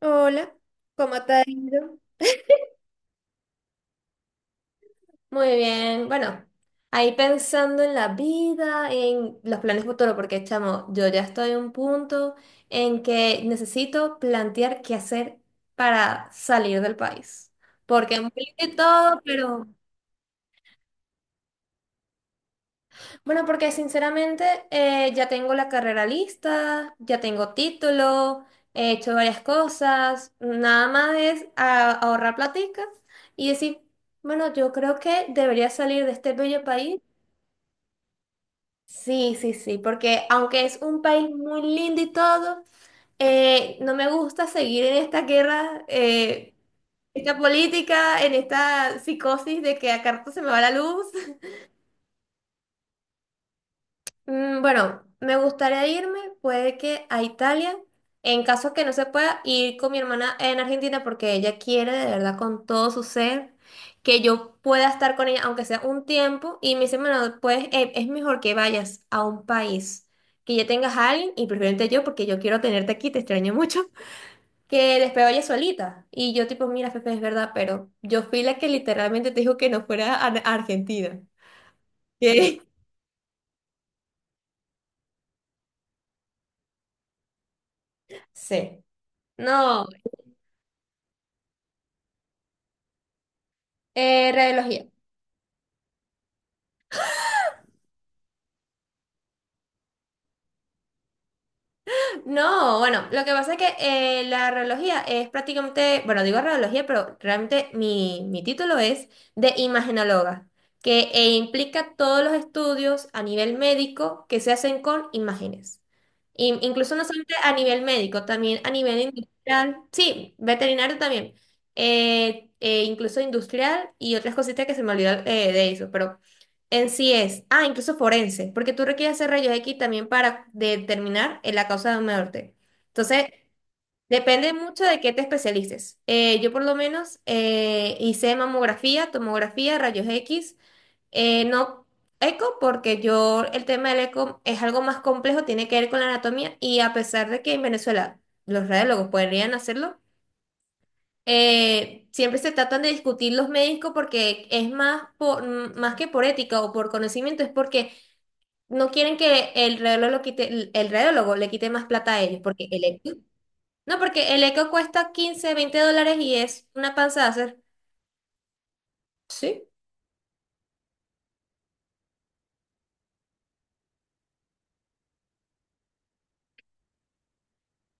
Hola, ¿cómo te ha ido? Muy bien, bueno, ahí pensando en la vida, en los planes futuros, porque chamo, yo ya estoy en un punto en que necesito plantear qué hacer para salir del país. Porque muy lindo y todo, pero bueno, porque sinceramente, ya tengo la carrera lista, ya tengo título, he hecho varias cosas, nada más es ahorrar platica y decir, bueno, yo creo que debería salir de este bello país. Sí, sí, sí, porque aunque es un país muy lindo y todo, no me gusta seguir en esta guerra, esta política, en esta psicosis de que a carta se me va la luz. Bueno, me gustaría irme, puede que a Italia, en caso que no se pueda ir con mi hermana en Argentina porque ella quiere de verdad con todo su ser que yo pueda estar con ella aunque sea un tiempo y me dice, bueno, pues es mejor que vayas a un país que ya tengas a alguien y preferente yo porque yo quiero tenerte aquí, te extraño mucho, que después vayas solita. Y yo tipo, mira, Fefe, es verdad, pero yo fui la que literalmente te dijo que no fuera a Argentina. ¿Qué? Sí. No, radiología. No, bueno, lo que pasa es que la radiología es prácticamente, bueno, digo radiología, pero realmente mi título es de imagenóloga, que implica todos los estudios a nivel médico que se hacen con imágenes. Incluso no solamente a nivel médico, también a nivel industrial, sí, veterinario también, incluso industrial y otras cositas que se me olvidó de eso, pero en sí es, ah, incluso forense, porque tú requieres hacer rayos X también para determinar la causa de una muerte. Entonces, depende mucho de qué te especialices. Yo por lo menos hice mamografía, tomografía, rayos X, no eco, porque yo el tema del eco es algo más complejo, tiene que ver con la anatomía y a pesar de que en Venezuela los radiólogos podrían hacerlo, siempre se tratan de discutir los médicos porque es más, por, más que por ética o por conocimiento, es porque no quieren que el radiólogo, quite, el radiólogo le quite más plata a ellos, porque el eco, no, porque el eco cuesta 15-20 dólares y es una panza de hacer. Sí.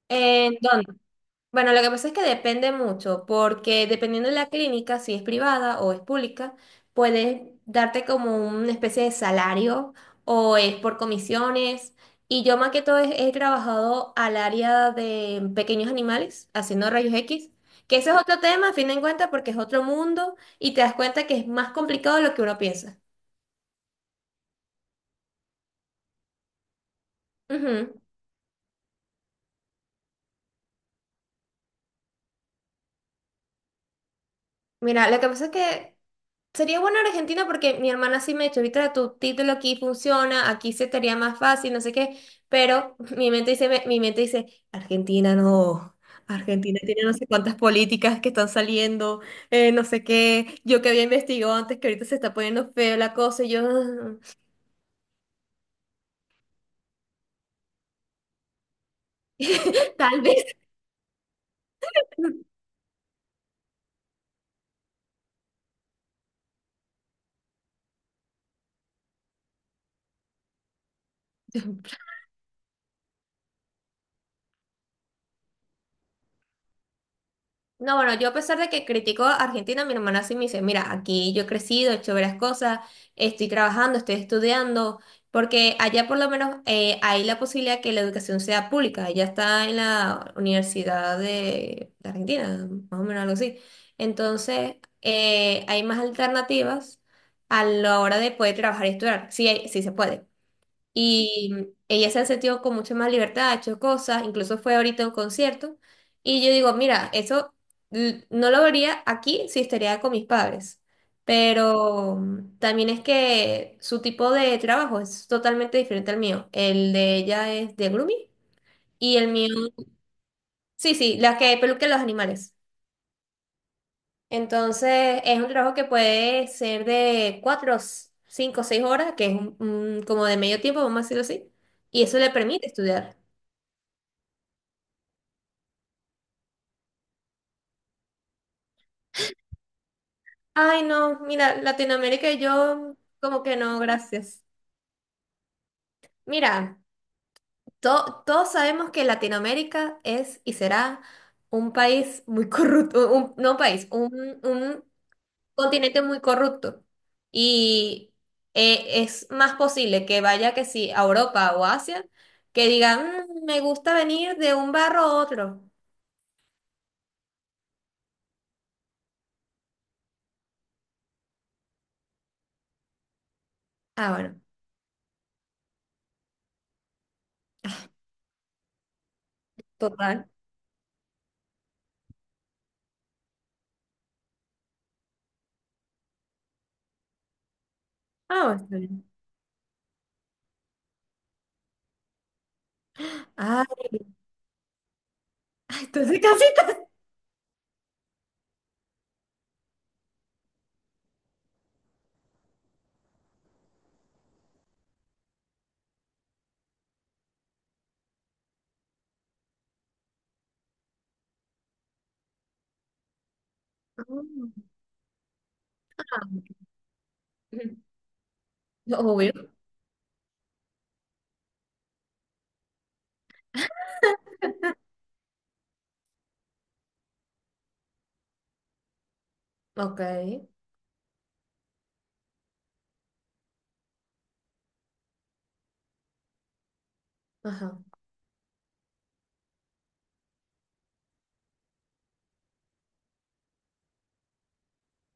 ¿En dónde? Bueno, lo que pasa es que depende mucho, porque dependiendo de la clínica, si es privada o es pública, puedes darte como una especie de salario o es por comisiones. Y yo más que todo he trabajado al área de pequeños animales, haciendo rayos X, que ese es otro tema, a fin de cuentas, porque es otro mundo y te das cuenta que es más complicado de lo que uno piensa. Ujú. Mira, lo que pasa es que sería bueno Argentina porque mi hermana sí me ha dicho, Vitra, tu título aquí funciona, aquí se te haría más fácil, no sé qué, pero mi mente dice, Argentina no, Argentina tiene no sé cuántas políticas que están saliendo, no sé qué, yo que había investigado antes que ahorita se está poniendo feo la cosa, y yo, tal vez. No, bueno, yo a pesar de que critico a Argentina, mi hermana sí me dice, mira, aquí yo he crecido, he hecho varias cosas, estoy trabajando, estoy estudiando, porque allá por lo menos hay la posibilidad que la educación sea pública, ella está en la Universidad de Argentina, más o menos algo así. Entonces, hay más alternativas a la hora de poder trabajar y estudiar, sí, sí se puede. Y ella se ha sentido con mucha más libertad, ha hecho cosas, incluso fue ahorita a un concierto. Y yo digo, mira, eso no lo vería aquí si estaría con mis padres. Pero también es que su tipo de trabajo es totalmente diferente al mío. El de ella es de grooming y el mío, sí, sí, la que peluca los animales. Entonces es un trabajo que puede ser de 4, 5, 6 horas, que es como de medio tiempo, vamos a decirlo así. Y eso le permite estudiar. Ay, no, mira, Latinoamérica y yo, como que no, gracias. Mira, todos sabemos que Latinoamérica es y será un país muy corrupto, no un país, un continente muy corrupto. Y es más posible que vaya que sí a Europa o Asia, que digan, "Mm, me gusta venir de un barro a otro." Ah, bueno, total. Ah, bueno, está bien. Ah, entonces casi... Obvio, ok. Ajá,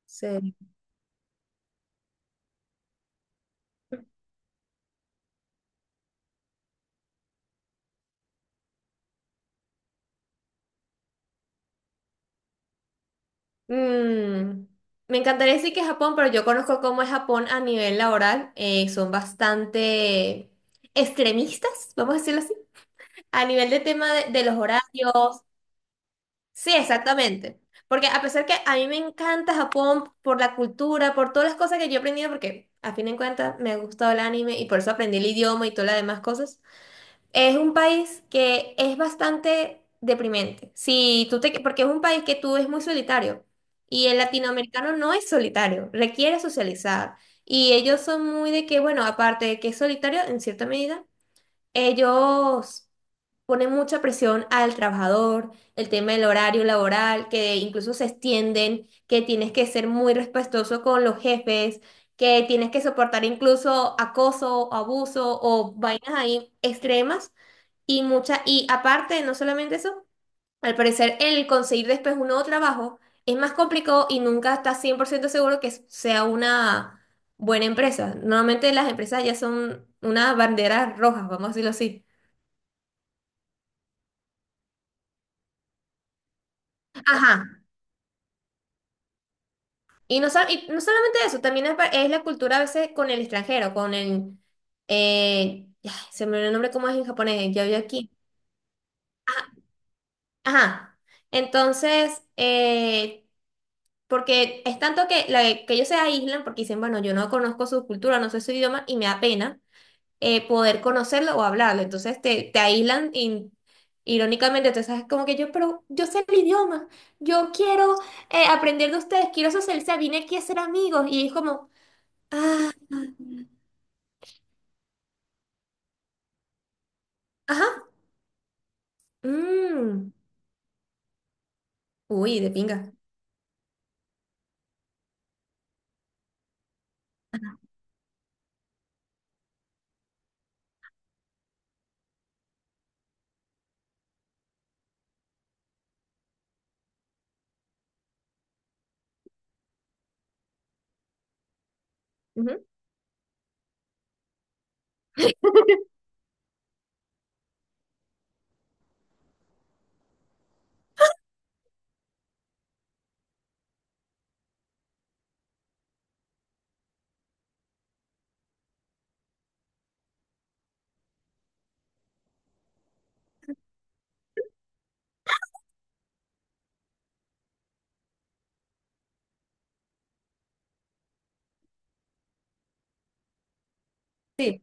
sí. Mm, Me encantaría decir que Japón, pero yo conozco cómo es Japón a nivel laboral. Son bastante extremistas, vamos a decirlo así, a nivel de tema de los horarios. Sí, exactamente. Porque a pesar que a mí me encanta Japón por la cultura, por todas las cosas que yo he aprendido, porque a fin de cuentas me ha gustado el anime y por eso aprendí el idioma y todas las demás cosas, es un país que es bastante deprimente. Si tú te, porque es un país que tú es muy solitario y el latinoamericano no es solitario, requiere socializar. Y ellos son muy de que, bueno, aparte de que es solitario en cierta medida, ellos pone mucha presión al trabajador, el tema del horario laboral, que incluso se extienden, que tienes que ser muy respetuoso con los jefes, que tienes que soportar incluso acoso, abuso o vainas ahí extremas y mucha y aparte, no solamente eso, al parecer el conseguir después un nuevo trabajo es más complicado y nunca estás 100% seguro que sea una buena empresa. Normalmente las empresas ya son una bandera roja, vamos a decirlo así. Ajá. Y no, y no solamente eso, también es, es la cultura a veces con el extranjero, con el... ay, se me olvidó el nombre cómo es en japonés, ya vi aquí. Ajá. Entonces, porque es tanto que, que ellos se aíslan porque dicen, bueno, yo no conozco su cultura, no sé su idioma y me da pena poder conocerlo o hablarlo. Entonces te aíslan y, irónicamente, entonces es como que yo, pero yo sé el idioma, yo quiero aprender de ustedes, quiero socializar, vine aquí a ser amigos y es como... Ajá. Mm. Uy, de pinga. Ujú. Sí.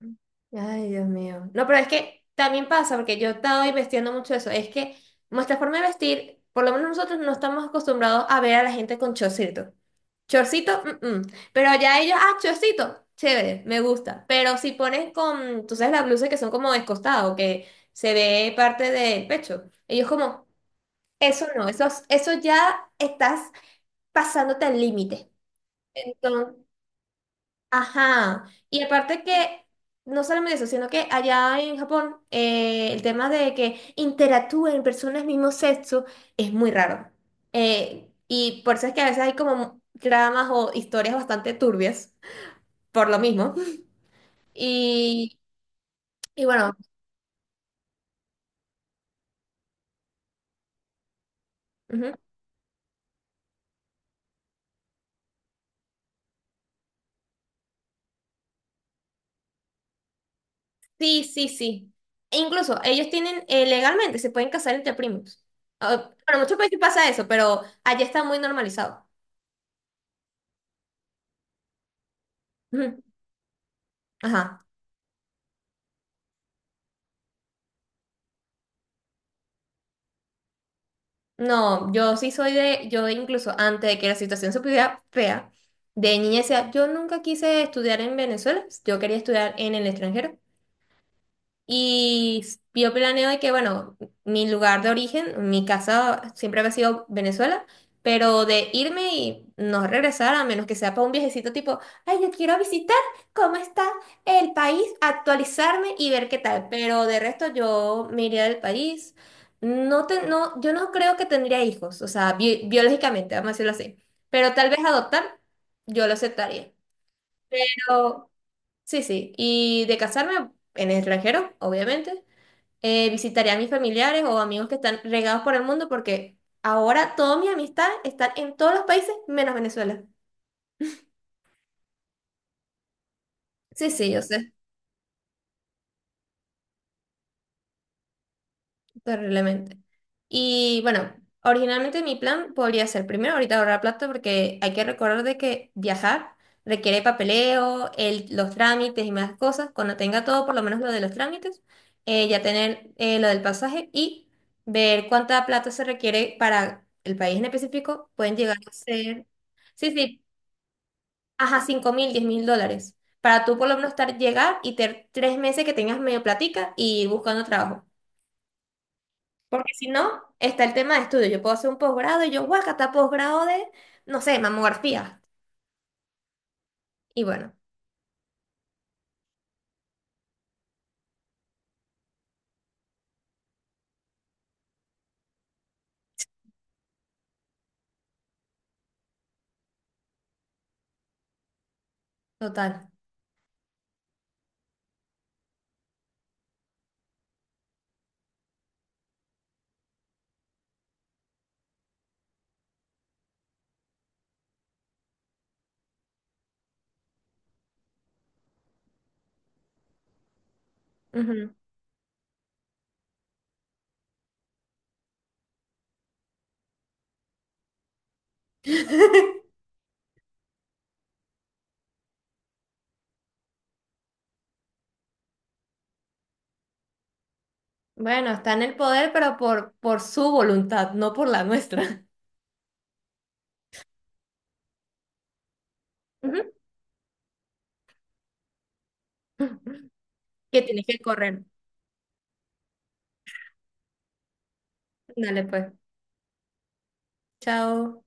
Ay, Dios mío. No, pero es que también pasa, porque yo estaba investigando mucho eso, es que nuestra forma de vestir, por lo menos nosotros no estamos acostumbrados a ver a la gente con chorcito. Chorcito, mm, mm. Pero ya ellos, ah, chorcito, chévere, me gusta. Pero si pones con, tú sabes, las blusas que son como descostado, que se ve parte del pecho, ellos como, eso no, eso ya estás pasándote al límite. Entonces, ajá, y aparte que, no solamente eso, sino que allá en Japón el tema de que interactúen personas mismo sexo es muy raro. Y por eso es que a veces hay como dramas o historias bastante turbias, por lo mismo. Y, y bueno, ujú. Sí, sí, sí. E incluso ellos tienen, legalmente, se pueden casar entre primos. Ah, bueno, en muchos países pasa eso, pero allá está muy normalizado. Ujú. Ajá. No, yo sí soy de, yo incluso antes de que la situación se pudiera fea, de niña decía, yo nunca quise estudiar en Venezuela, yo quería estudiar en el extranjero. Y yo planeo de que, bueno, mi lugar de origen, mi casa siempre había sido Venezuela, pero de irme y no regresar, a menos que sea para un viajecito tipo, ay, yo quiero visitar cómo está el país, actualizarme y ver qué tal. Pero de resto yo me iría del país. No te, no, yo no creo que tendría hijos, o sea, biológicamente, vamos a decirlo así. Pero tal vez adoptar, yo lo aceptaría. Pero sí, sí. Y de casarme en el extranjero, obviamente. Visitaré a mis familiares o amigos que están regados por el mundo porque ahora toda mi amistad está en todos los países menos Venezuela. Sí, sí, yo sé, terriblemente. Y bueno, originalmente mi plan podría ser primero ahorita ahorrar plata porque hay que recordar de que viajar requiere papeleo, los trámites y más cosas. Cuando tenga todo, por lo menos lo de los trámites, ya tener lo del pasaje y ver cuánta plata se requiere para el país en específico, pueden llegar a ser... Sí, sí, ajá, 5.000, 10.000 dólares. Para tú por lo menos estar, llegar y tener 3 meses que tengas medio platica y ir buscando trabajo. Porque si no, está el tema de estudio. Yo puedo hacer un posgrado y yo, está posgrado de, no sé, mamografía. Y bueno, total. Ujú. Bueno, está en el poder, pero por su voluntad, no por la nuestra. Ujú. Que tienes que correr. Dale, pues. Chao.